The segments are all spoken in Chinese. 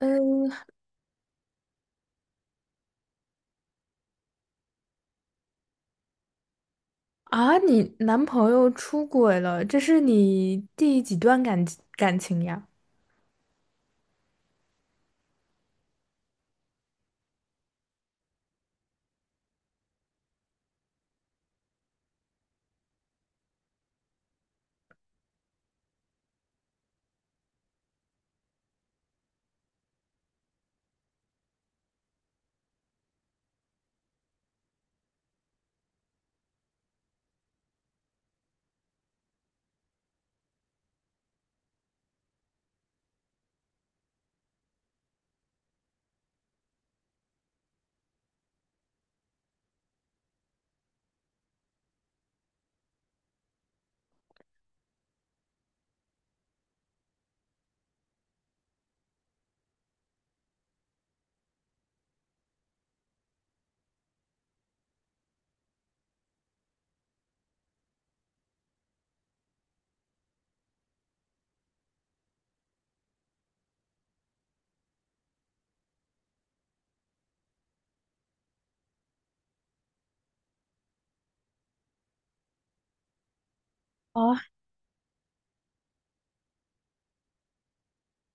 嗯。啊，你男朋友出轨了，这是你第几段感情呀？啊，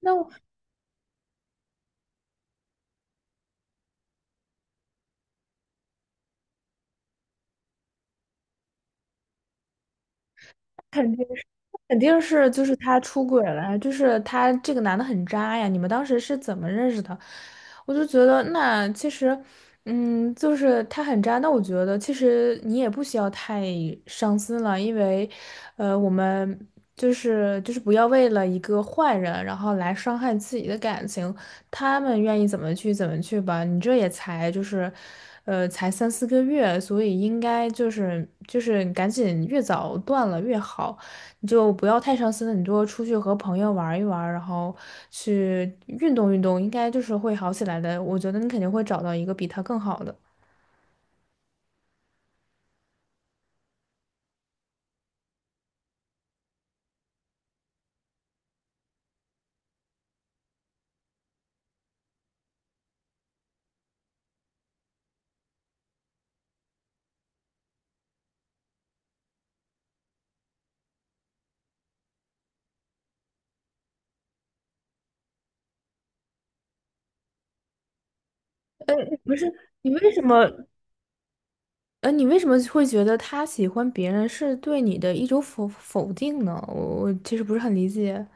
那我肯定。肯定是就是他出轨了，就是他这个男的很渣呀。你们当时是怎么认识的？我就觉得那其实，就是他很渣。那我觉得其实你也不需要太伤心了，因为，我们不要为了一个坏人，然后来伤害自己的感情。他们愿意怎么去吧。你这也才就是，才三四个月，所以应该就是赶紧越早断了越好。你就不要太伤心了，你多出去和朋友玩一玩，然后去运动运动，应该就是会好起来的。我觉得你肯定会找到一个比他更好的。不是，你为什么？你为什么会觉得他喜欢别人是对你的一种否定呢？我其实不是很理解。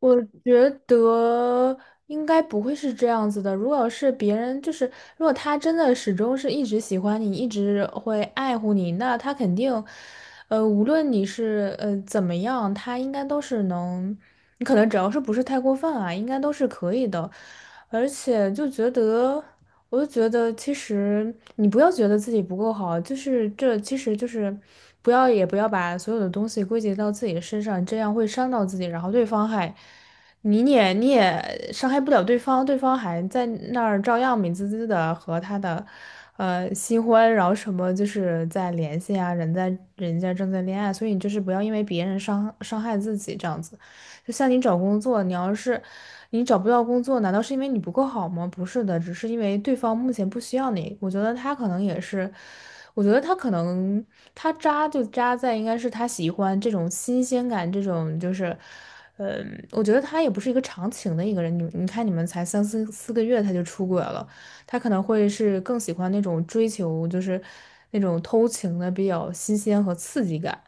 我觉得应该不会是这样子的。如果是别人，就是如果他真的始终是一直喜欢你，一直会爱护你，那他肯定，无论你是怎么样，他应该都是能，你可能只要是不是太过分啊，应该都是可以的。而且就觉得。我就觉得，其实你不要觉得自己不够好，就是这，其实就是不要把所有的东西归结到自己的身上，这样会伤到自己，然后对方还你也伤害不了对方，对方还在那儿照样美滋滋的和他的新欢，然后什么就是在联系啊，人在人家正在恋爱，所以你就是不要因为别人伤害自己这样子。就像你找工作，你要是你找不到工作，难道是因为你不够好吗？不是的，只是因为对方目前不需要你。我觉得他可能也是，我觉得他可能他渣就渣在应该是他喜欢这种新鲜感，这种就是，我觉得他也不是一个长情的一个人。你看，你们才三四个月他就出轨了，他可能会是更喜欢那种追求，就是那种偷情的比较新鲜和刺激感。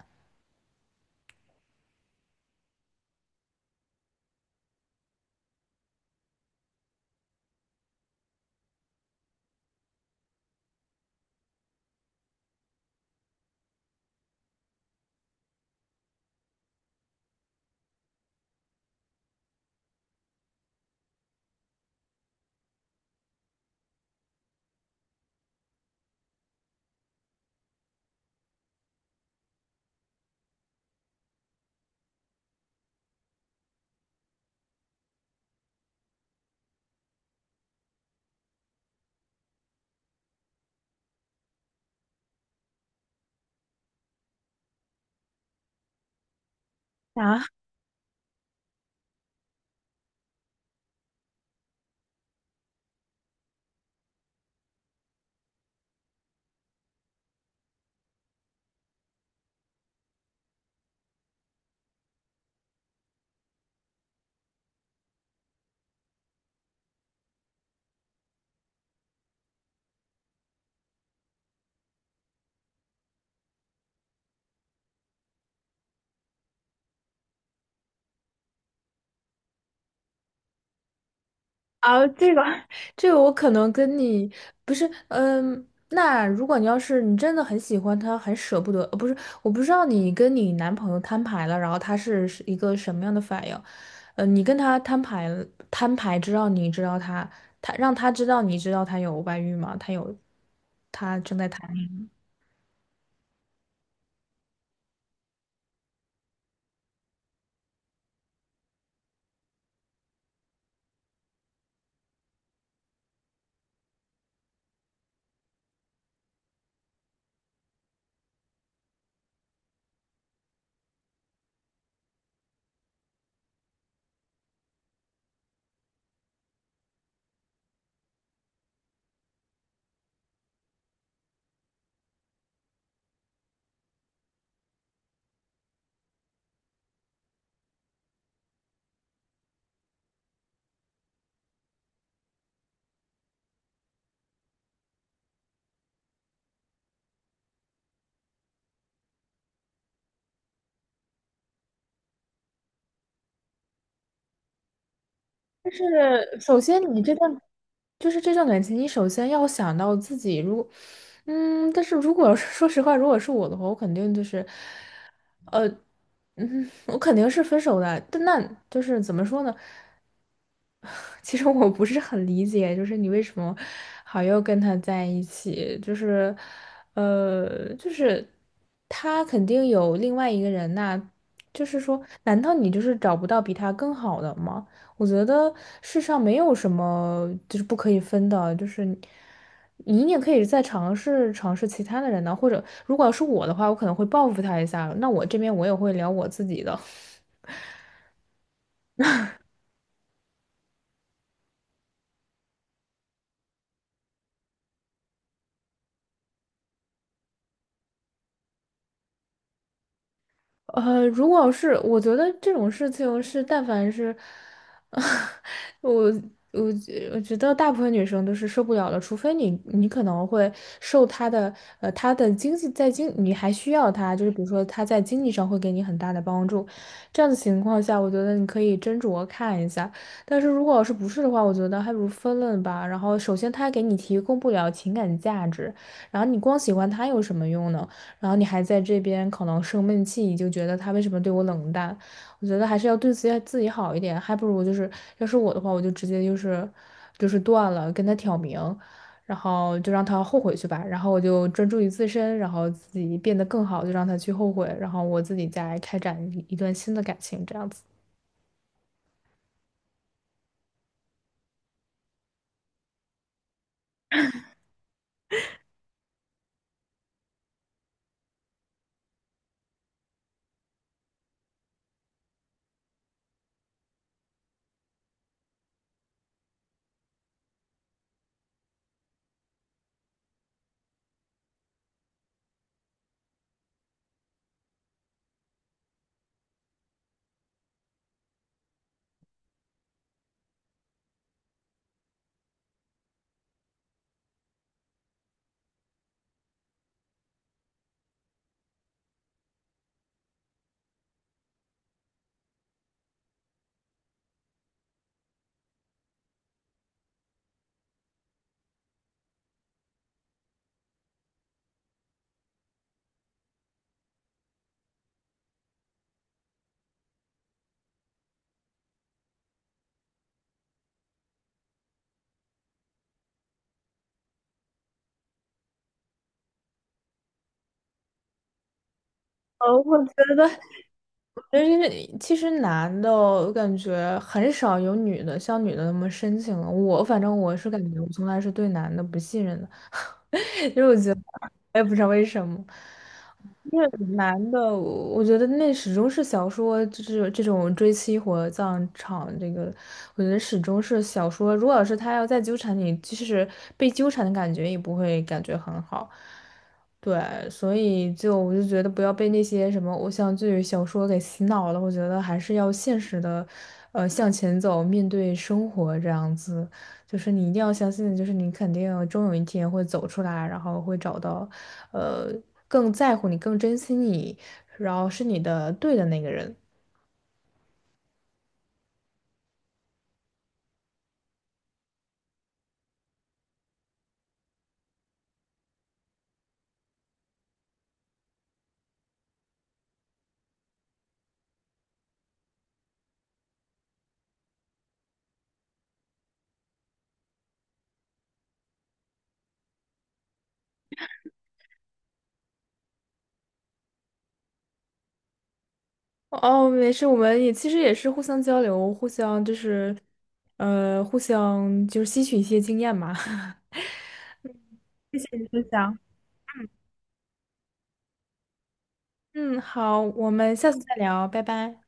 啊。啊，这个 这个我可能跟你不是，那如果你要是你真的很喜欢他，很舍不得，呃不是，我不知道你跟你男朋友摊牌了，然后他是一个什么样的反应？你跟他摊牌了，摊牌知道你知道他，他让他知道你知道他有外遇吗？他有，他正在谈。但是首先你这段就是这段感情，你首先要想到自己，如果但是如果 说实话，如果是我的话，我肯定就是。呃。我肯定是分手的，但那就是怎么说呢？其实我不是很理解，就是你为什么好又跟他在一起？就是，就是他肯定有另外一个人呐、就是说，难道你就是找不到比他更好的吗？我觉得世上没有什么就是不可以分的，就是你你也可以再尝试尝试其他的人呢、或者如果要是我的话，我可能会报复他一下，那我这边我也会聊我自己的。如果是我觉得这种事情是，但凡是，我我我觉得大部分女生都是受不了的，除非你你可能会受她的她的经济在经你还需要她，就是比如说她在经济上会给你很大的帮助，这样的情况下，我觉得你可以斟酌看一下。但是如果要是不是的话，我觉得还不如分了吧。然后首先她给你提供不了情感价值，然后你光喜欢她有什么用呢？然后你还在这边可能生闷气，你就觉得他为什么对我冷淡？我觉得还是要对自己好一点，还不如就是要是我的话，我就直接就是断了，跟他挑明，然后就让他后悔去吧，然后我就专注于自身，然后自己变得更好，就让他去后悔，然后我自己再开展一段新的感情，这样子。我觉得 就是其实男的，我感觉很少有女的像女的那么深情了。我反正我是感觉，我从来是对男的不信任的。因为我觉得我也不知道为什么，因为男的，我觉得那始终是小说，就是这种追妻火葬场这个，我觉得始终是小说。如果要是他要再纠缠你，就是被纠缠的感觉也不会感觉很好。对，所以就我就觉得不要被那些什么偶像剧、小说给洗脑了。我觉得还是要现实的，向前走，面对生活这样子。就是你一定要相信，就是你肯定终有一天会走出来，然后会找到，呃，更在乎你、更珍惜你，然后是你的对的那个人。哦，没事，我们也其实也是互相交流，互相就是，互相就是吸取一些经验嘛。谢谢你分享，嗯，好，我们下次再聊，拜拜。